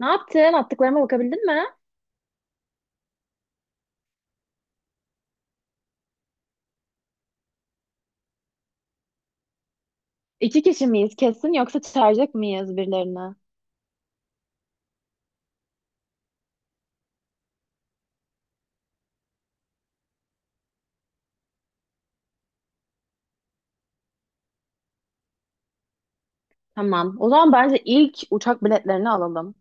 Ne yaptın? Attıklarıma bakabildin mi? İki kişi miyiz kesin yoksa çağıracak mıyız birilerini? Tamam. O zaman bence ilk uçak biletlerini alalım.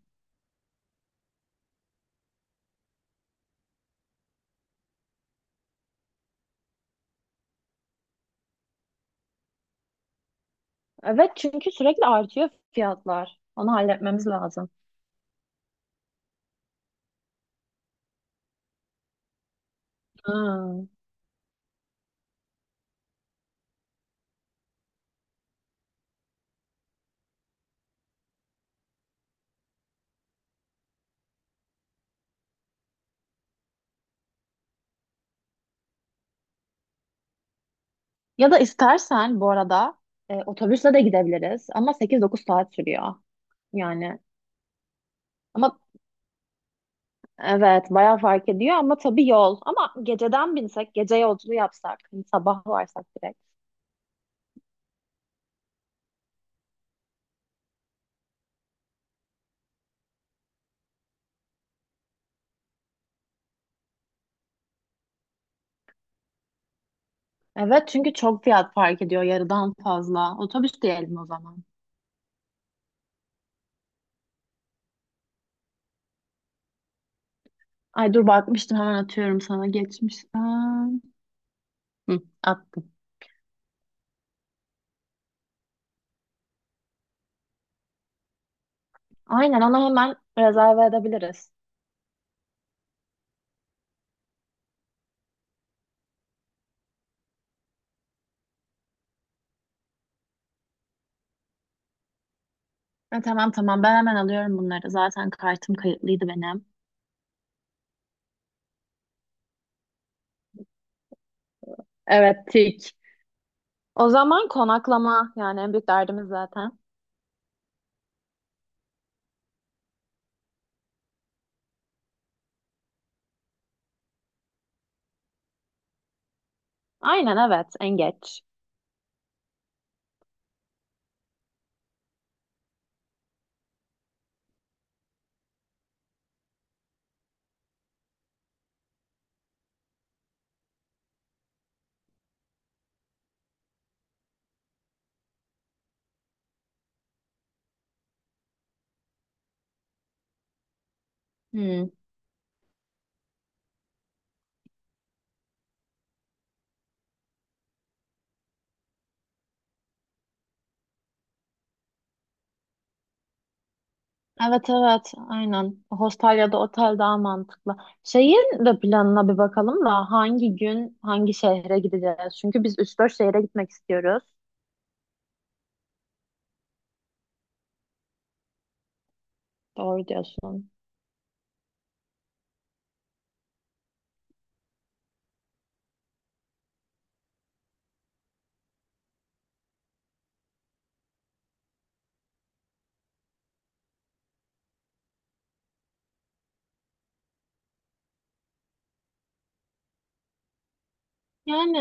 Evet çünkü sürekli artıyor fiyatlar. Onu halletmemiz lazım. Hmm. Ya da istersen bu arada otobüsle de gidebiliriz ama 8-9 saat sürüyor. Yani ama evet bayağı fark ediyor ama tabii yol. Ama geceden binsek, gece yolculuğu yapsak, hani sabah varsak direkt. Evet çünkü çok fiyat fark ediyor yarıdan fazla. Otobüs diyelim o zaman. Ay dur bakmıştım, hemen atıyorum sana geçmişten. Hı, attım. Aynen, ona hemen rezerve edebiliriz. Ha, tamam tamam, ben hemen alıyorum bunları. Zaten kartım kayıtlıydı benim. Evet tik. O zaman konaklama yani en büyük derdimiz zaten. Aynen evet, en geç. Hı. Evet evet aynen. Hostel ya da otel daha mantıklı. Şehir de planına bir bakalım da hangi gün hangi şehre gideceğiz? Çünkü biz 3-4 şehre gitmek istiyoruz. Doğru diyorsun. Yani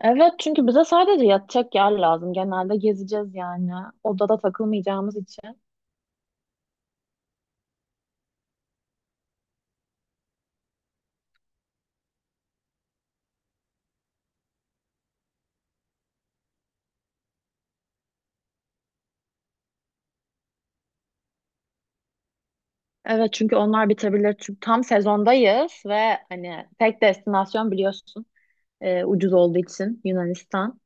evet, çünkü bize sadece yatacak yer lazım. Genelde gezeceğiz yani. Odada takılmayacağımız için. Evet çünkü onlar bitebilir. Çünkü tam sezondayız ve hani tek destinasyon biliyorsun ucuz olduğu için Yunanistan.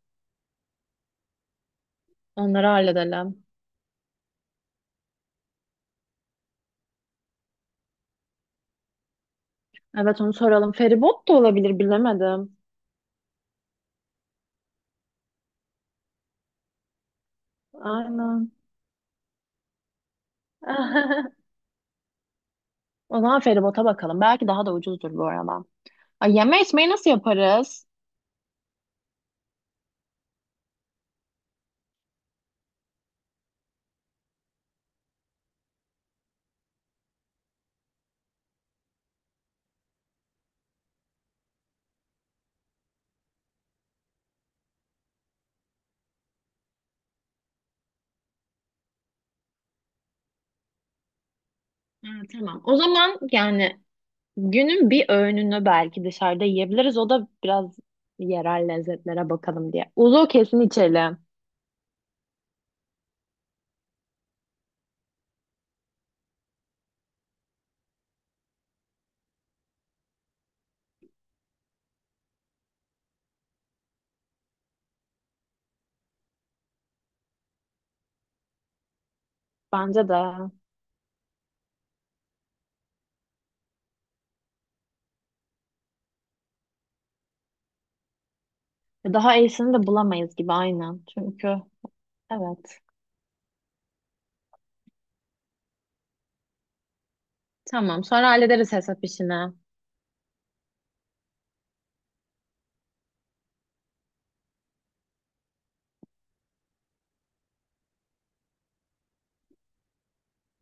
Onları halledelim. Evet onu soralım. Feribot da olabilir bilemedim. Aynen. O zaman feribota bakalım. Belki daha da ucuzdur bu arada. Ay, yeme içmeyi nasıl yaparız? Ha, tamam. O zaman yani günün bir öğününü belki dışarıda yiyebiliriz. O da biraz yerel lezzetlere bakalım diye. Uzu kesin içelim. Bence de. Daha iyisini de bulamayız gibi, aynen. Çünkü evet. Tamam. Sonra hallederiz hesap işini.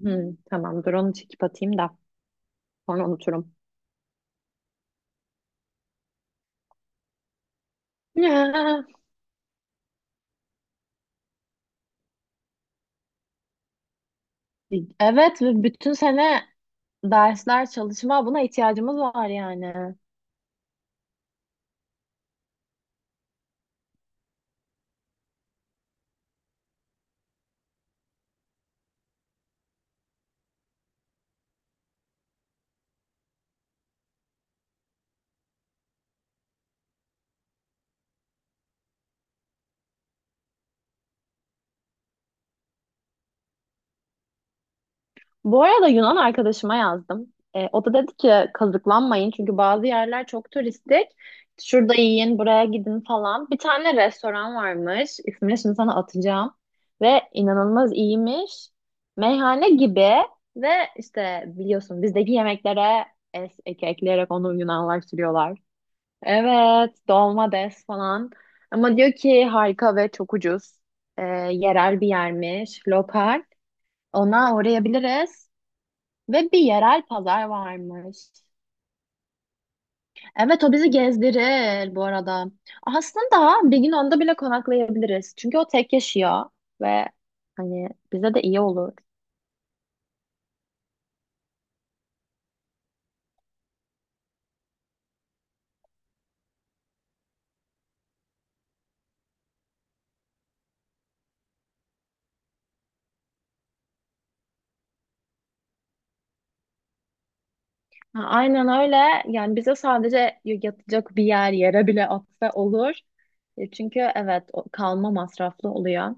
Hı, tamam. Dur onu çekip atayım da. Sonra unuturum. Ya. Evet. Ve bütün sene dersler, çalışma, buna ihtiyacımız var yani. Bu arada Yunan arkadaşıma yazdım. O da dedi ki kazıklanmayın çünkü bazı yerler çok turistik. Şurada yiyin, buraya gidin falan. Bir tane restoran varmış. İsmini şimdi sana atacağım. Ve inanılmaz iyiymiş. Meyhane gibi ve işte biliyorsun bizdeki yemeklere ek ekleyerek onu Yunanlar sürüyorlar. Evet, dolma des falan. Ama diyor ki harika ve çok ucuz. Ee, yerel bir yermiş, lokal. Ona uğrayabiliriz. Ve bir yerel pazar varmış. Evet, o bizi gezdirir bu arada. Aslında bir gün onda bile konaklayabiliriz. Çünkü o tek yaşıyor ve hani bize de iyi olur. Ha, aynen öyle. Yani bize sadece yatacak bir yere bile atsa olur. Çünkü evet kalma masraflı oluyor.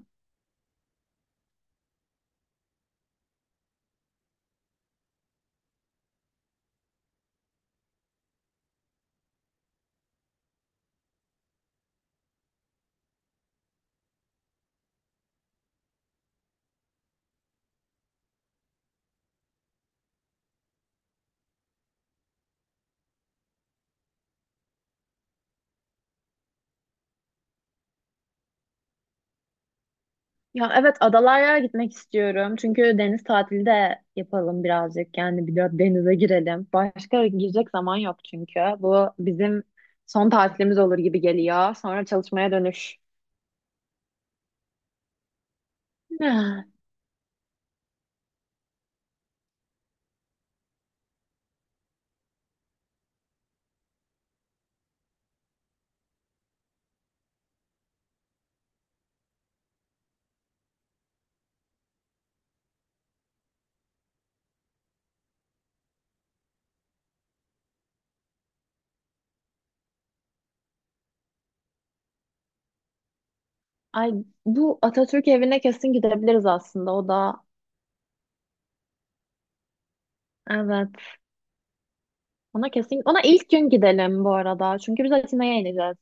Ya evet, adalara gitmek istiyorum. Çünkü deniz tatili de yapalım birazcık. Yani bir de denize girelim. Başka girecek zaman yok çünkü. Bu bizim son tatilimiz olur gibi geliyor. Sonra çalışmaya dönüş. Ay, bu Atatürk evine kesin gidebiliriz aslında, o da. Evet. Ona ilk gün gidelim bu arada. Çünkü biz Atina'ya ineceğiz.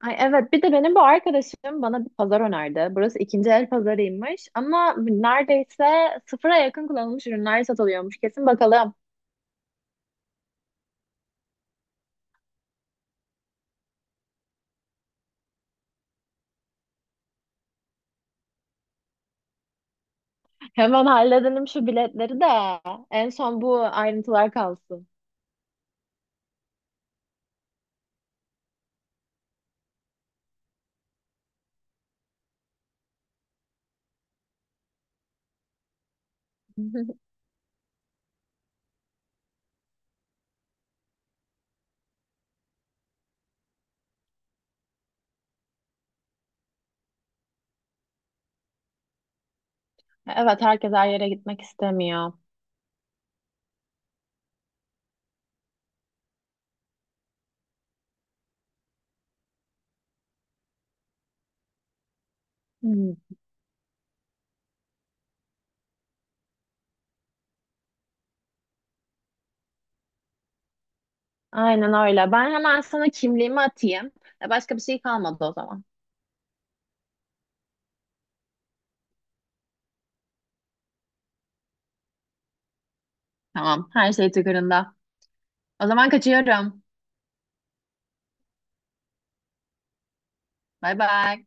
Ay evet, bir de benim bu arkadaşım bana bir pazar önerdi. Burası ikinci el pazarıymış ama neredeyse sıfıra yakın kullanılmış ürünler satılıyormuş. Kesin bakalım. Hemen halledelim şu biletleri de, en son bu ayrıntılar kalsın. Evet, herkes her yere gitmek istemiyor. Hmm. Aynen öyle. Ben hemen sana kimliğimi atayım. Başka bir şey kalmadı o zaman. Tamam. Her şey tıkırında. O zaman kaçıyorum. Bay bay.